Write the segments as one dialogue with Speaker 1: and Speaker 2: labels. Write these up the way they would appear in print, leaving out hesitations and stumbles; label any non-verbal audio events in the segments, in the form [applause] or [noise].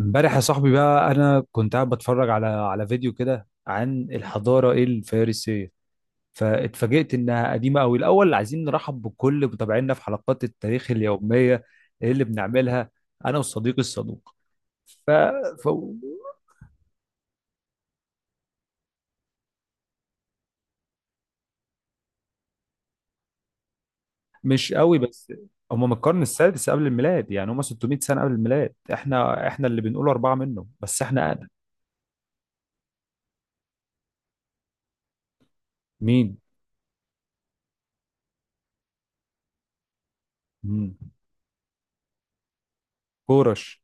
Speaker 1: امبارح يا صاحبي بقى، انا كنت قاعد بتفرج على فيديو كده عن الحضاره الفارسيه، فاتفاجئت انها قديمه قوي. الاول عايزين نرحب بكل متابعينا في حلقات التاريخ اليوميه اللي بنعملها انا وصديقي الصدوق. ف... ف... مش قوي، بس هم من القرن السادس قبل الميلاد. يعني هم 600 سنه قبل الميلاد، احنا اللي بنقول اربعه، منه بس احنا اقدم. مين؟ مم. كورش،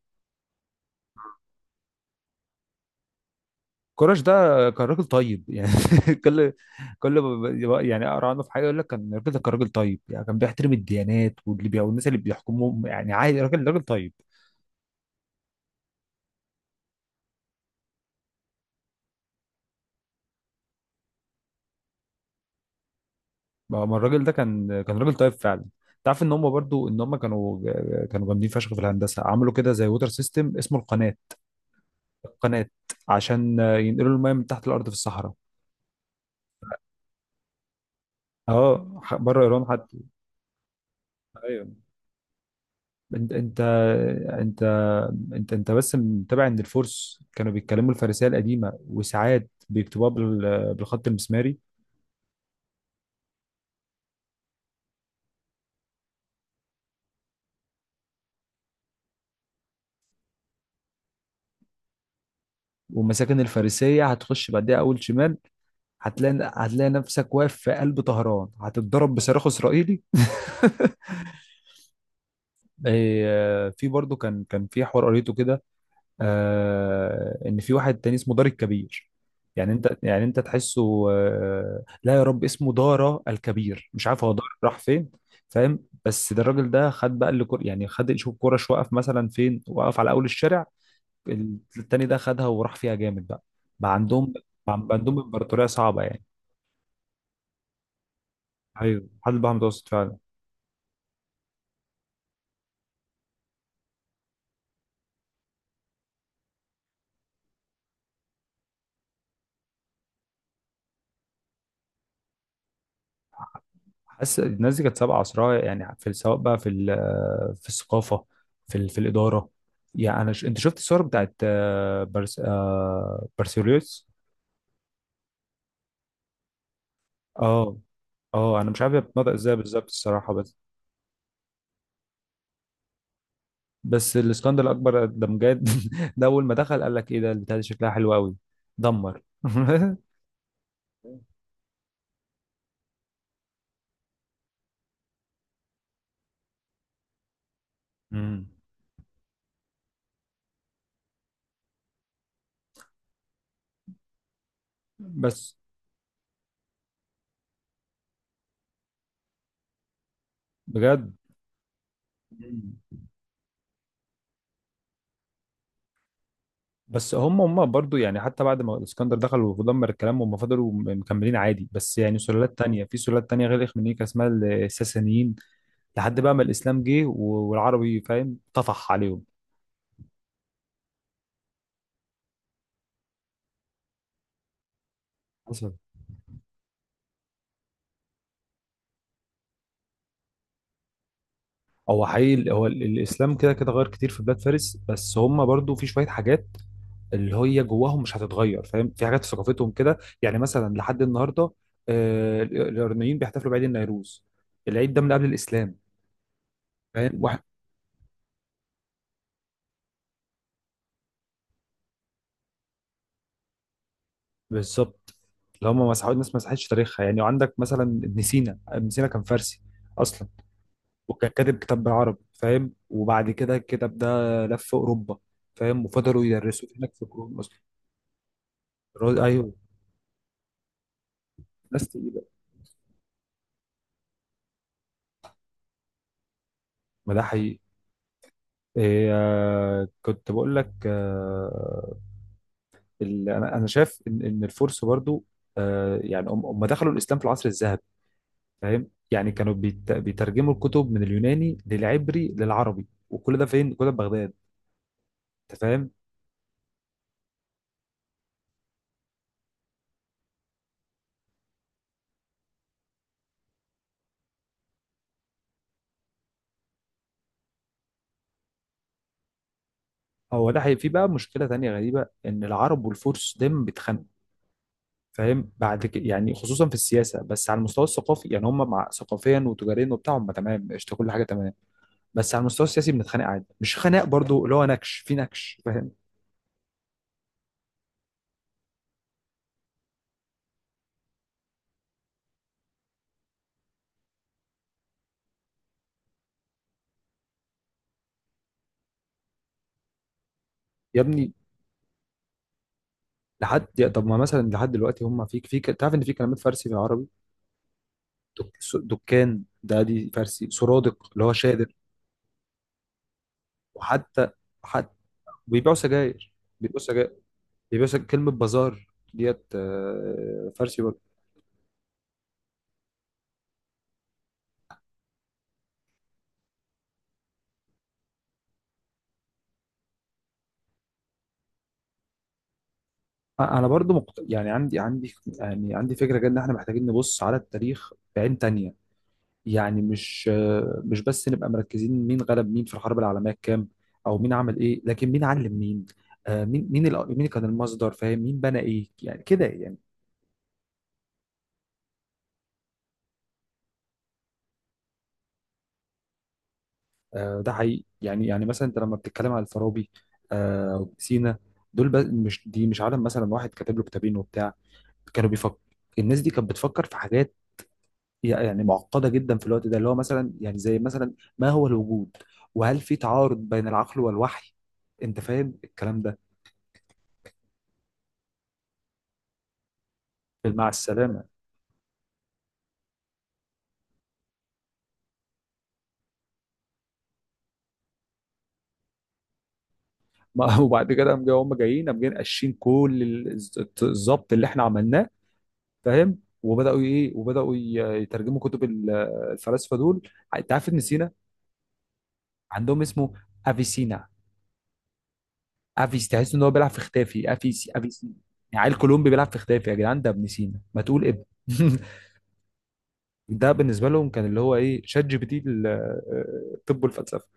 Speaker 1: كراش ده كان راجل طيب يعني. [laughs] كل كل ما ب- يعني اقرا عنه في حاجه يقول لك كان الراجل ده كان راجل طيب، يعني كان بيحترم الديانات والناس اللي بيحكمهم، يعني عادي راجل راجل طيب. ما الراجل ده كان راجل طيب فعلا. تعرف ان هم برضو، ان هم كانوا جامدين فشخ في الهندسه، عملوا كده زي ووتر سيستم اسمه القناه. القناه عشان ينقلوا الميه من تحت الارض في الصحراء. اه، بره ايران حتى. ايوه، انت انت انت انت بس متابع ان الفرس كانوا بيتكلموا الفارسيه القديمه، وساعات بيكتبوها بالخط المسماري. ومساكن الفارسيه هتخش بعدها اول شمال، هتلاقي نفسك واقف في قلب طهران، هتتضرب بصاروخ اسرائيلي. [laughs] إيه، في برضه كان في حوار قريته كده، آه، ان في واحد تاني اسمه دار الكبير. يعني انت، يعني انت تحسه، آه لا يا رب، اسمه دارا الكبير، مش عارف هو دار راح فين. فاهم؟ بس ده الراجل ده خد بقى، يعني خد شوف كرة، وقف مثلا فين؟ وقف على اول الشارع التاني، ده خدها وراح فيها جامد. بقى بقى عندهم عندهم امبراطورية صعبة يعني. ايوه، حد بقى متوسط فعلا. حاسس الناس دي كانت سابقة عصرها، يعني في، سواء بقى في في الثقافة، في في الإدارة. يعني أنت شفت الصور بتاعت، آه، بارسيليوس. اه اه أنا مش عارف هي بتنطق إزاي بالظبط الصراحة، بس الاسكندر الأكبر ده بجد. [laughs] ده أول ما دخل قال لك إيه ده؟ البتاع دي شكلها حلو أوي، دمر. [laughs] مم. بس بجد بس هم برضو يعني، حتى بعد ما الاسكندر دخل ودمر الكلام، هم فضلوا مكملين عادي، بس يعني سلالات تانية، في سلالات تانية غير الإخمينيكا اسمها الساسانيين، لحد بقى ما الإسلام جه والعربي، فاهم، طفح عليهم. حصل. هو حقيقي، هو الإسلام كده كده غير كتير في بلاد فارس، بس هم برضو في شوية حاجات اللي هي جواهم مش هتتغير، فاهم، في حاجات في ثقافتهم كده، يعني مثلا لحد النهاردة، آه، الإيرانيين بيحتفلوا بعيد النوروز، العيد ده من قبل الإسلام. فاهم؟ بالظبط. اللي هم مسحوا ناس ما مسحتش تاريخها، يعني وعندك مثلا ابن سينا. كان فارسي اصلا، وكان كاتب كتاب بالعربي، فاهم، وبعد كده الكتاب ده لف اوروبا، فاهم، وفضلوا يدرسوه هناك في قرون اصلا. الراجل، ايوه. ناس تقيله، ما ده حقيقي. إيه، آه، كنت بقول لك آه، انا شايف ان الفرس برضو، آه، يعني هم دخلوا الاسلام في العصر الذهبي، فاهم، يعني كانوا بيترجموا الكتب من اليوناني للعبري للعربي، وكل ده فين؟ كل ده في بغداد. انت فاهم؟ هو ده في بقى مشكله تانية غريبه، ان العرب والفرس دايما بيتخانقوا، فاهم، بعد كده، يعني خصوصا في السياسه، بس على المستوى الثقافي يعني هم مع، ثقافيا وتجاريا وبتاع هم تمام، قشطه، كل حاجه تمام. بس على المستوى السياسي بنتخانق عادي، مش خناق برضو، اللي هو نكش في نكش. فاهم؟ يا ابني، لحد طب، ما مثلا لحد دلوقتي هم في، في تعرف ان في كلمات فارسي في العربي؟ دكان ده دي فارسي، سرادق اللي هو شادر. وحتى حتى بيبيعوا سجاير بيبيعوا سجاير بيبيعوا سجاير كلمه بازار ديت، آه، فارسي برضو. انا برضو يعني عندي فكره كده، ان احنا محتاجين نبص على التاريخ بعين تانية. يعني مش بس نبقى مركزين مين غلب مين في الحرب العالميه الكام، او مين عمل ايه، لكن مين علم مين، آه، مين كان المصدر، فاهم، مين بنى ايه، يعني كده يعني. آه، ده حقيقي. يعني مثلا انت لما بتتكلم على الفارابي، آه، وابن سينا، دول بس، مش دي مش عالم مثلا واحد كاتب له كتابين وبتاع، كانوا بيفكر الناس دي كانت بتفكر في حاجات يعني معقده جدا في الوقت ده، اللي هو مثلا، يعني زي مثلا، ما هو الوجود؟ وهل في تعارض بين العقل والوحي؟ انت فاهم الكلام ده؟ مع السلامه. ما [laughs] وبعد كده هم جايين قاشين كل الظبط اللي احنا عملناه، فاهم، وبداوا ايه، وبداوا يترجموا كتب الفلاسفه دول. انت عارف ابن سينا عندهم اسمه افيسينا. افيس، تحس ان هو بيلعب في اختافي، افيسي، يعني عيل كولومبي بيلعب في اختافي. يا جدعان ده ابن سينا، ما تقول ابن. [laughs] ده بالنسبه لهم كان اللي هو ايه، شات جي بي تي آه، الطب والفلسفه.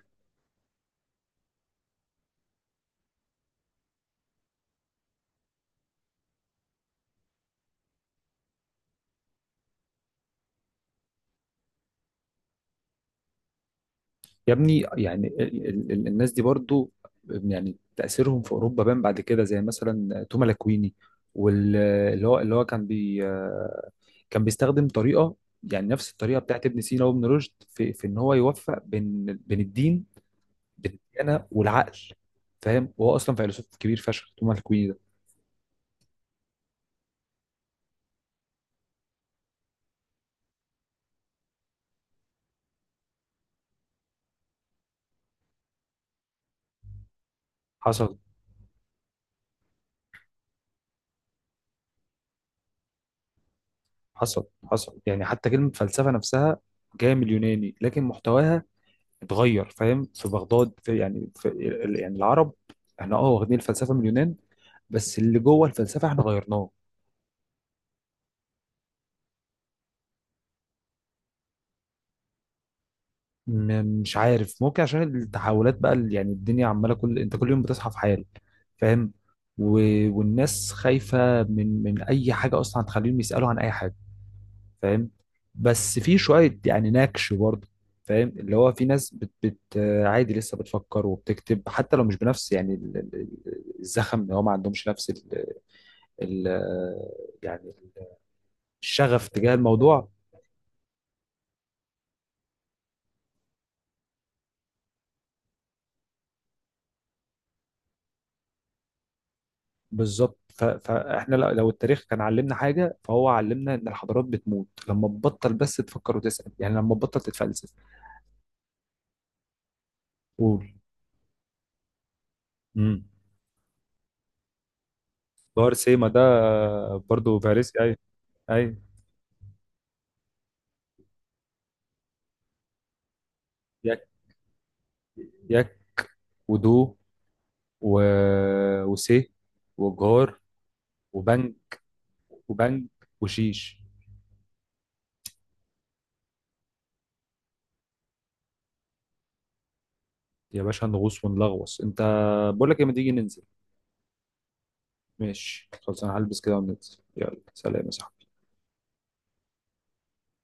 Speaker 1: يا ابني، يعني الناس دي برضو، يعني تاثيرهم في اوروبا بان بعد كده، زي مثلا توما لاكويني، واللي هو اللي هو كان بي آه، كان بيستخدم طريقه، يعني نفس الطريقه بتاعت ابن سينا وابن رشد، في ان هو يوفق بين الدين، بين الديانه والعقل، فاهم، وهو اصلا فيلسوف كبير فشخ توما لاكويني ده. حصل. حصل يعني، حتى كلمه فلسفه نفسها جايه من اليوناني، لكن محتواها اتغير، فاهم، في بغداد، في يعني، العرب، احنا اه واخدين الفلسفه من اليونان، بس اللي جوه الفلسفه احنا غيرناه. مش عارف، ممكن عشان التحولات بقى، اللي يعني الدنيا عماله كل، انت كل يوم بتصحى في حال، فاهم، و...، والناس خايفه من اي حاجه اصلا هتخليهم يسالوا عن اي حاجه، فاهم، بس في شويه يعني نكش برضه، فاهم، اللي هو في ناس بت, بت آه، عادي لسه بتفكر وبتكتب، حتى لو مش بنفس، يعني الزخم، اللي هو ما عندهمش نفس ال- يعني الشغف تجاه الموضوع. بالظبط. فاحنا لو التاريخ كان علمنا حاجه، فهو علمنا ان الحضارات بتموت لما تبطل بس تفكر وتسال، يعني لما تبطل تتفلسف. قول. امم. دار سيما ده برضو فارسي؟ اي. اي. يك. يك ودو، و...، وسي، وجار، وبنج. وبنج وشيش. يا باشا نغوص ونلغوص. انت، بقول لك ايه، ما تيجي ننزل؟ ماشي، خلاص انا هلبس كده وننزل، يلا سلام يا صاحبي.